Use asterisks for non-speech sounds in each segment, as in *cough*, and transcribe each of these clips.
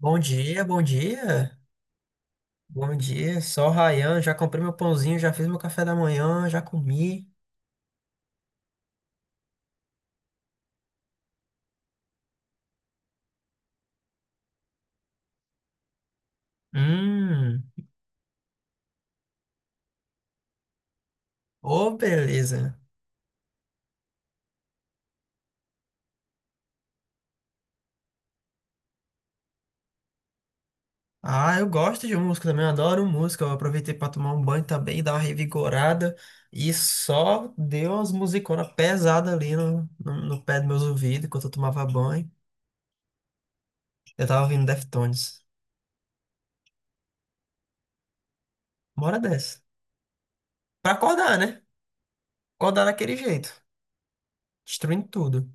Bom dia, bom dia. Bom dia, só o Ryan. Já comprei meu pãozinho, já fiz meu café da manhã, já comi. Hum, ô, beleza. Ah, eu gosto de música também, eu adoro música. Eu aproveitei pra tomar um banho também, dar uma revigorada. E só deu umas musiconas pesadas ali no pé dos meus ouvidos enquanto eu tomava banho. Eu tava ouvindo Deftones. Uma hora dessa. Pra acordar, né? Acordar daquele jeito, destruindo tudo.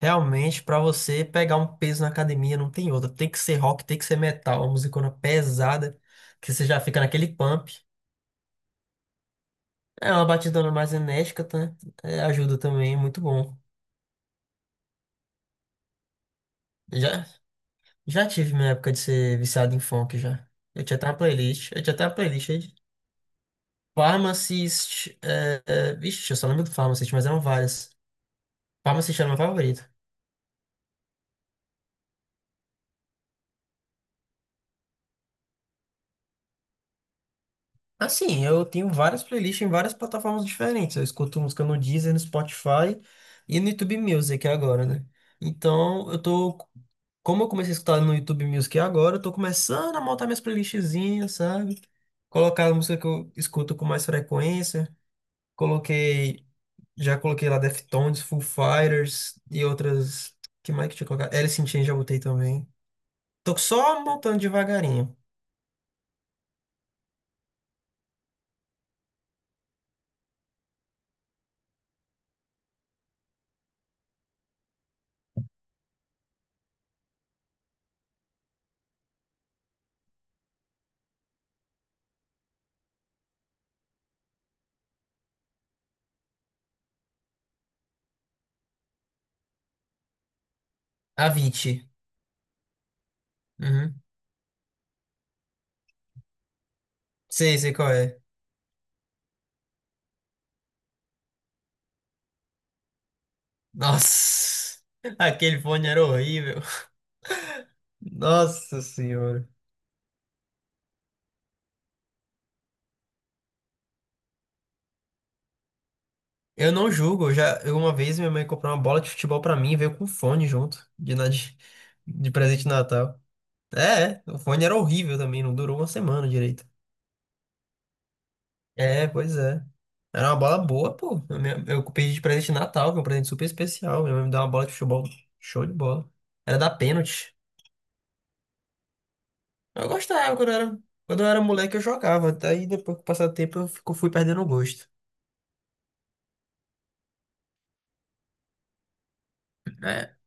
Realmente, pra você pegar um peso na academia, não tem outra. Tem que ser rock, tem que ser metal, uma musicona pesada, que você já fica naquele pump. É uma batidona mais enérgica, tá? É, ajuda também, muito bom. Já, já tive minha época de ser viciado em funk já. Eu tinha até uma playlist, eu tinha até uma playlist aí de Pharmacist. Vixe, eu só lembro do Pharmacist, mas eram várias. Pharmacist era meu favorito. Assim, eu tenho várias playlists em várias plataformas diferentes. Eu escuto música no Deezer, no Spotify e no YouTube Music agora, né? Então, eu tô. Como eu comecei a escutar no YouTube Music agora, eu tô começando a montar minhas playlistzinhas, sabe? Colocar a música que eu escuto com mais frequência. Coloquei. Já coloquei lá Deftones, Foo Fighters e outras. Que mais que eu tinha colocado? Alice in Chains já botei também. Tô só montando devagarinho. Avicii. Uhum. Sei qual é. Nossa, aquele fone era horrível. Nossa senhora. Eu não julgo, eu uma vez minha mãe comprou uma bola de futebol pra mim e veio com fone junto de presente de Natal. O fone era horrível também, não durou uma semana direito. É, pois é. Era uma bola boa, pô. Eu pedi de presente de Natal, que é um presente super especial. Minha mãe me deu uma bola de futebol, show de bola. Era da pênalti. Eu gostava quando eu era moleque, eu jogava. Daí depois que passar o tempo eu fui perdendo o gosto. É.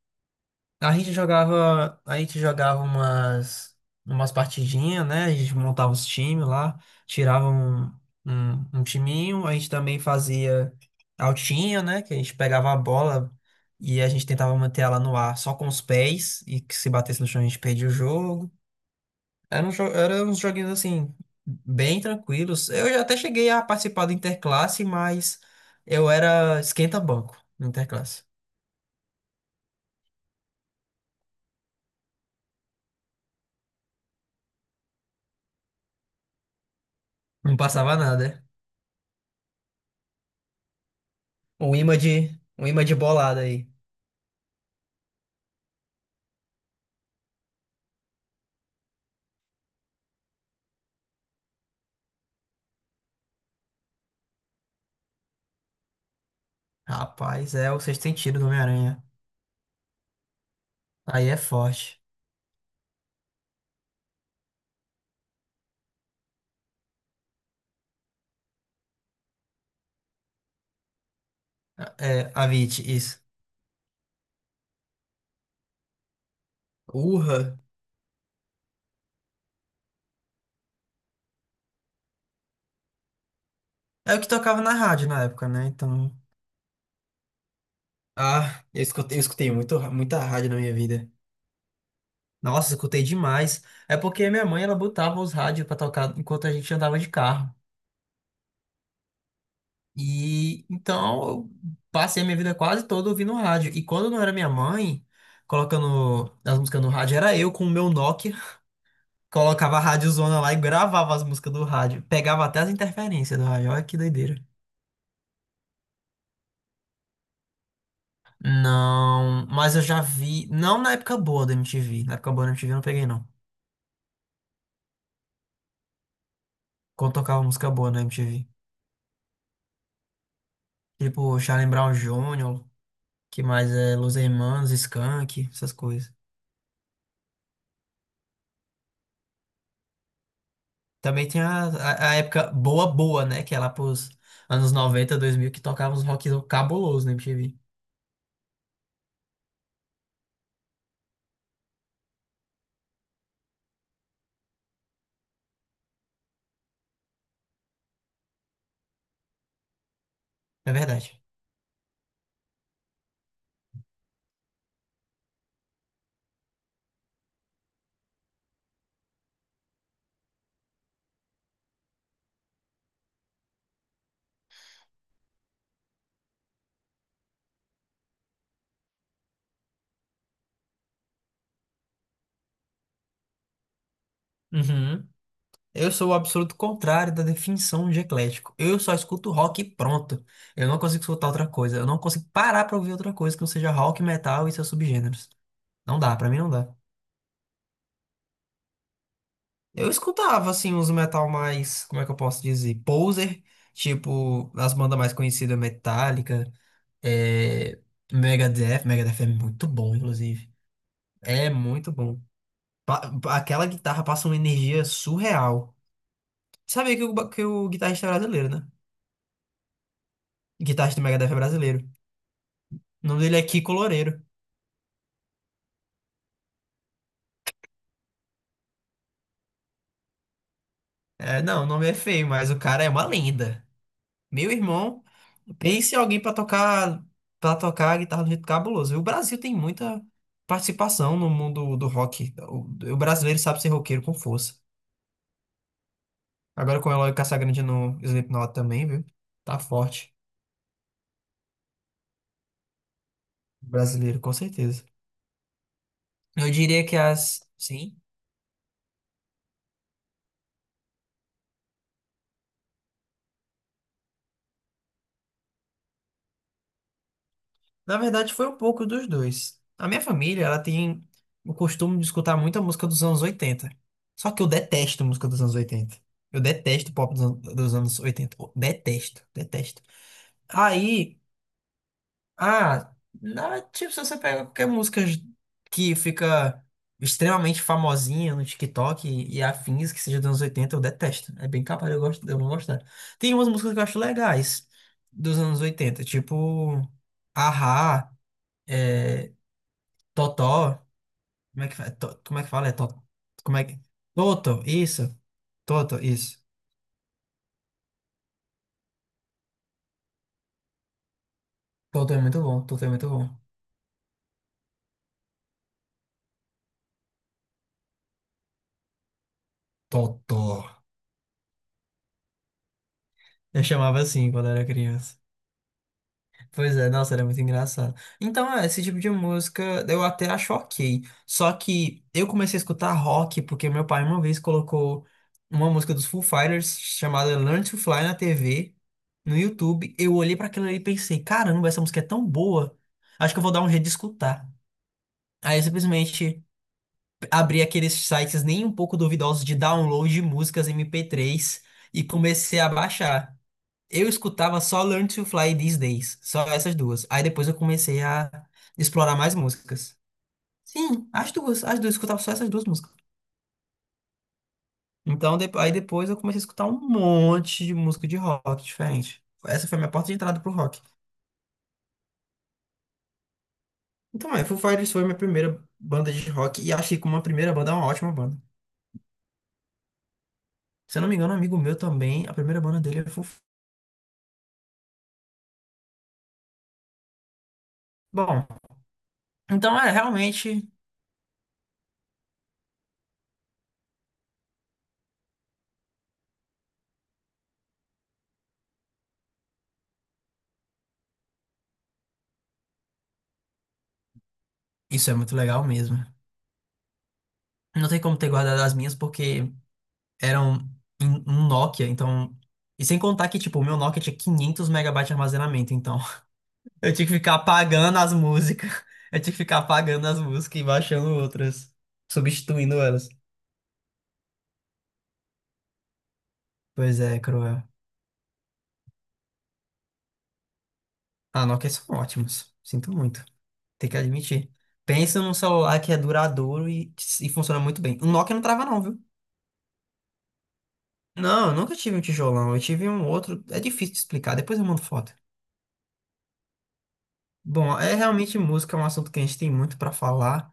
A gente jogava umas partidinhas, né? A gente montava os times lá, tirava um timinho. A gente também fazia altinha, né? Que a gente pegava a bola e a gente tentava manter ela no ar só com os pés, e que se batesse no chão a gente perdia o jogo. Era uns joguinhos assim, bem tranquilos. Eu já até cheguei a participar do Interclasse, mas eu era esquenta-banco no Interclasse. Não passava nada, é? Um imã de, um imã de bolada aí. Rapaz, é o sexto sentido do Homem-Aranha. Aí é forte. É, Avit, isso. Urra. É o que tocava na rádio na época, né? Então. Ah, eu escutei muito, muita rádio na minha vida. Nossa, escutei demais. É porque minha mãe, ela botava os rádios pra tocar enquanto a gente andava de carro. E então eu passei a minha vida quase toda ouvindo rádio. E quando não era minha mãe colocando as músicas no rádio, era eu com o meu Nokia. Colocava a rádiozona lá e gravava as músicas do rádio. Pegava até as interferências do rádio. Olha que doideira. Não, mas eu já vi. Não na época boa da MTV. Na época boa da MTV eu não peguei, não. Quando tocava música boa na MTV. Tipo, Charlie Brown Jr., que mais é Los Hermanos, Skank, essas coisas. Também tem a época boa, boa, né? Que é lá pros anos 90, 2000 que tocava uns rock cabuloso na MTV. É verdade. Uhum. Eu sou o absoluto contrário da definição de eclético. Eu só escuto rock e pronto. Eu não consigo escutar outra coisa. Eu não consigo parar pra ouvir outra coisa que não seja rock, metal e seus subgêneros. Não dá, pra mim não dá. Eu escutava, assim, uns metal mais, como é que eu posso dizer? Poser, tipo, as bandas mais conhecidas, Metallica, é... Megadeth. Megadeth é muito bom, inclusive. É muito bom. Aquela guitarra passa uma energia surreal. Sabia que o guitarrista é brasileiro, né? O Guitarrista do Megadeth é brasileiro. O nome dele é Kiko Loureiro. É, não, o nome é feio, mas o cara é uma lenda. Meu irmão, pense em alguém pra tocar para tocar a guitarra do jeito cabuloso. E o Brasil tem muita participação no mundo do rock. O brasileiro sabe ser roqueiro com força. Agora com o Eloy Casagrande no Slipknot também, viu? Tá forte. O brasileiro, com certeza. Eu diria que as. Sim. Na verdade, foi um pouco dos dois. A minha família, ela tem o costume de escutar muita música dos anos 80. Só que eu detesto música dos anos 80. Eu detesto pop dos anos 80. Eu detesto, detesto. Aí, ah, tipo, se você pega qualquer música que fica extremamente famosinha no TikTok e afins que seja dos anos 80, eu detesto. É bem capaz de eu, gosto, de eu não gostar. Tem umas músicas que eu acho legais dos anos 80, tipo, Ahá. Totó. Como é que fala? É Toto. Como é que. Toto, isso. Toto, isso. Toto é muito bom. Toto é muito bom. Toto. Eu chamava assim quando era criança. Pois é, nossa, era muito engraçado. Então, é, esse tipo de música eu até acho ok. Só que eu comecei a escutar rock porque meu pai uma vez colocou uma música dos Foo Fighters chamada Learn to Fly na TV, no YouTube. Eu olhei pra aquilo ali e pensei, caramba, essa música é tão boa. Acho que eu vou dar um jeito de escutar. Aí eu simplesmente abri aqueles sites nem um pouco duvidosos de download de músicas MP3 e comecei a baixar. Eu escutava só Learn to Fly These Days, só essas duas. Aí depois eu comecei a explorar mais músicas. Sim, as duas, eu escutava só essas duas músicas. Então, aí depois eu comecei a escutar um monte de música de rock diferente. Essa foi a minha porta de entrada pro rock. Então, é, Foo Fighters foi minha primeira banda de rock e achei que como a primeira banda é uma ótima banda. Se eu não me engano, um amigo meu também, a primeira banda dele é Foo Fighters. Bom, então, é, realmente, isso é muito legal mesmo. Não tem como ter guardado as minhas porque eram um Nokia, então. E sem contar que, tipo, o meu Nokia tinha 500 megabytes de armazenamento, então. *laughs* Eu tinha que ficar apagando as músicas. *laughs* Eu tinha que ficar apagando as músicas e baixando outras, substituindo elas. Pois é, cruel. Ah, Nokia são ótimos. Sinto muito. Tem que admitir. Pensa num celular que é duradouro e funciona muito bem. O Nokia não trava, não, viu? Não, eu nunca tive um tijolão. Eu tive um outro. É difícil de explicar, depois eu mando foto. Bom, é realmente música, é um assunto que a gente tem muito pra falar.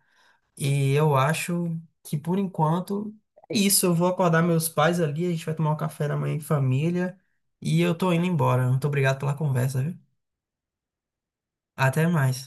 E eu acho que por enquanto é isso. Eu vou acordar meus pais ali, a gente vai tomar um café da manhã em família. E eu tô indo embora. Muito obrigado pela conversa, viu? Até mais.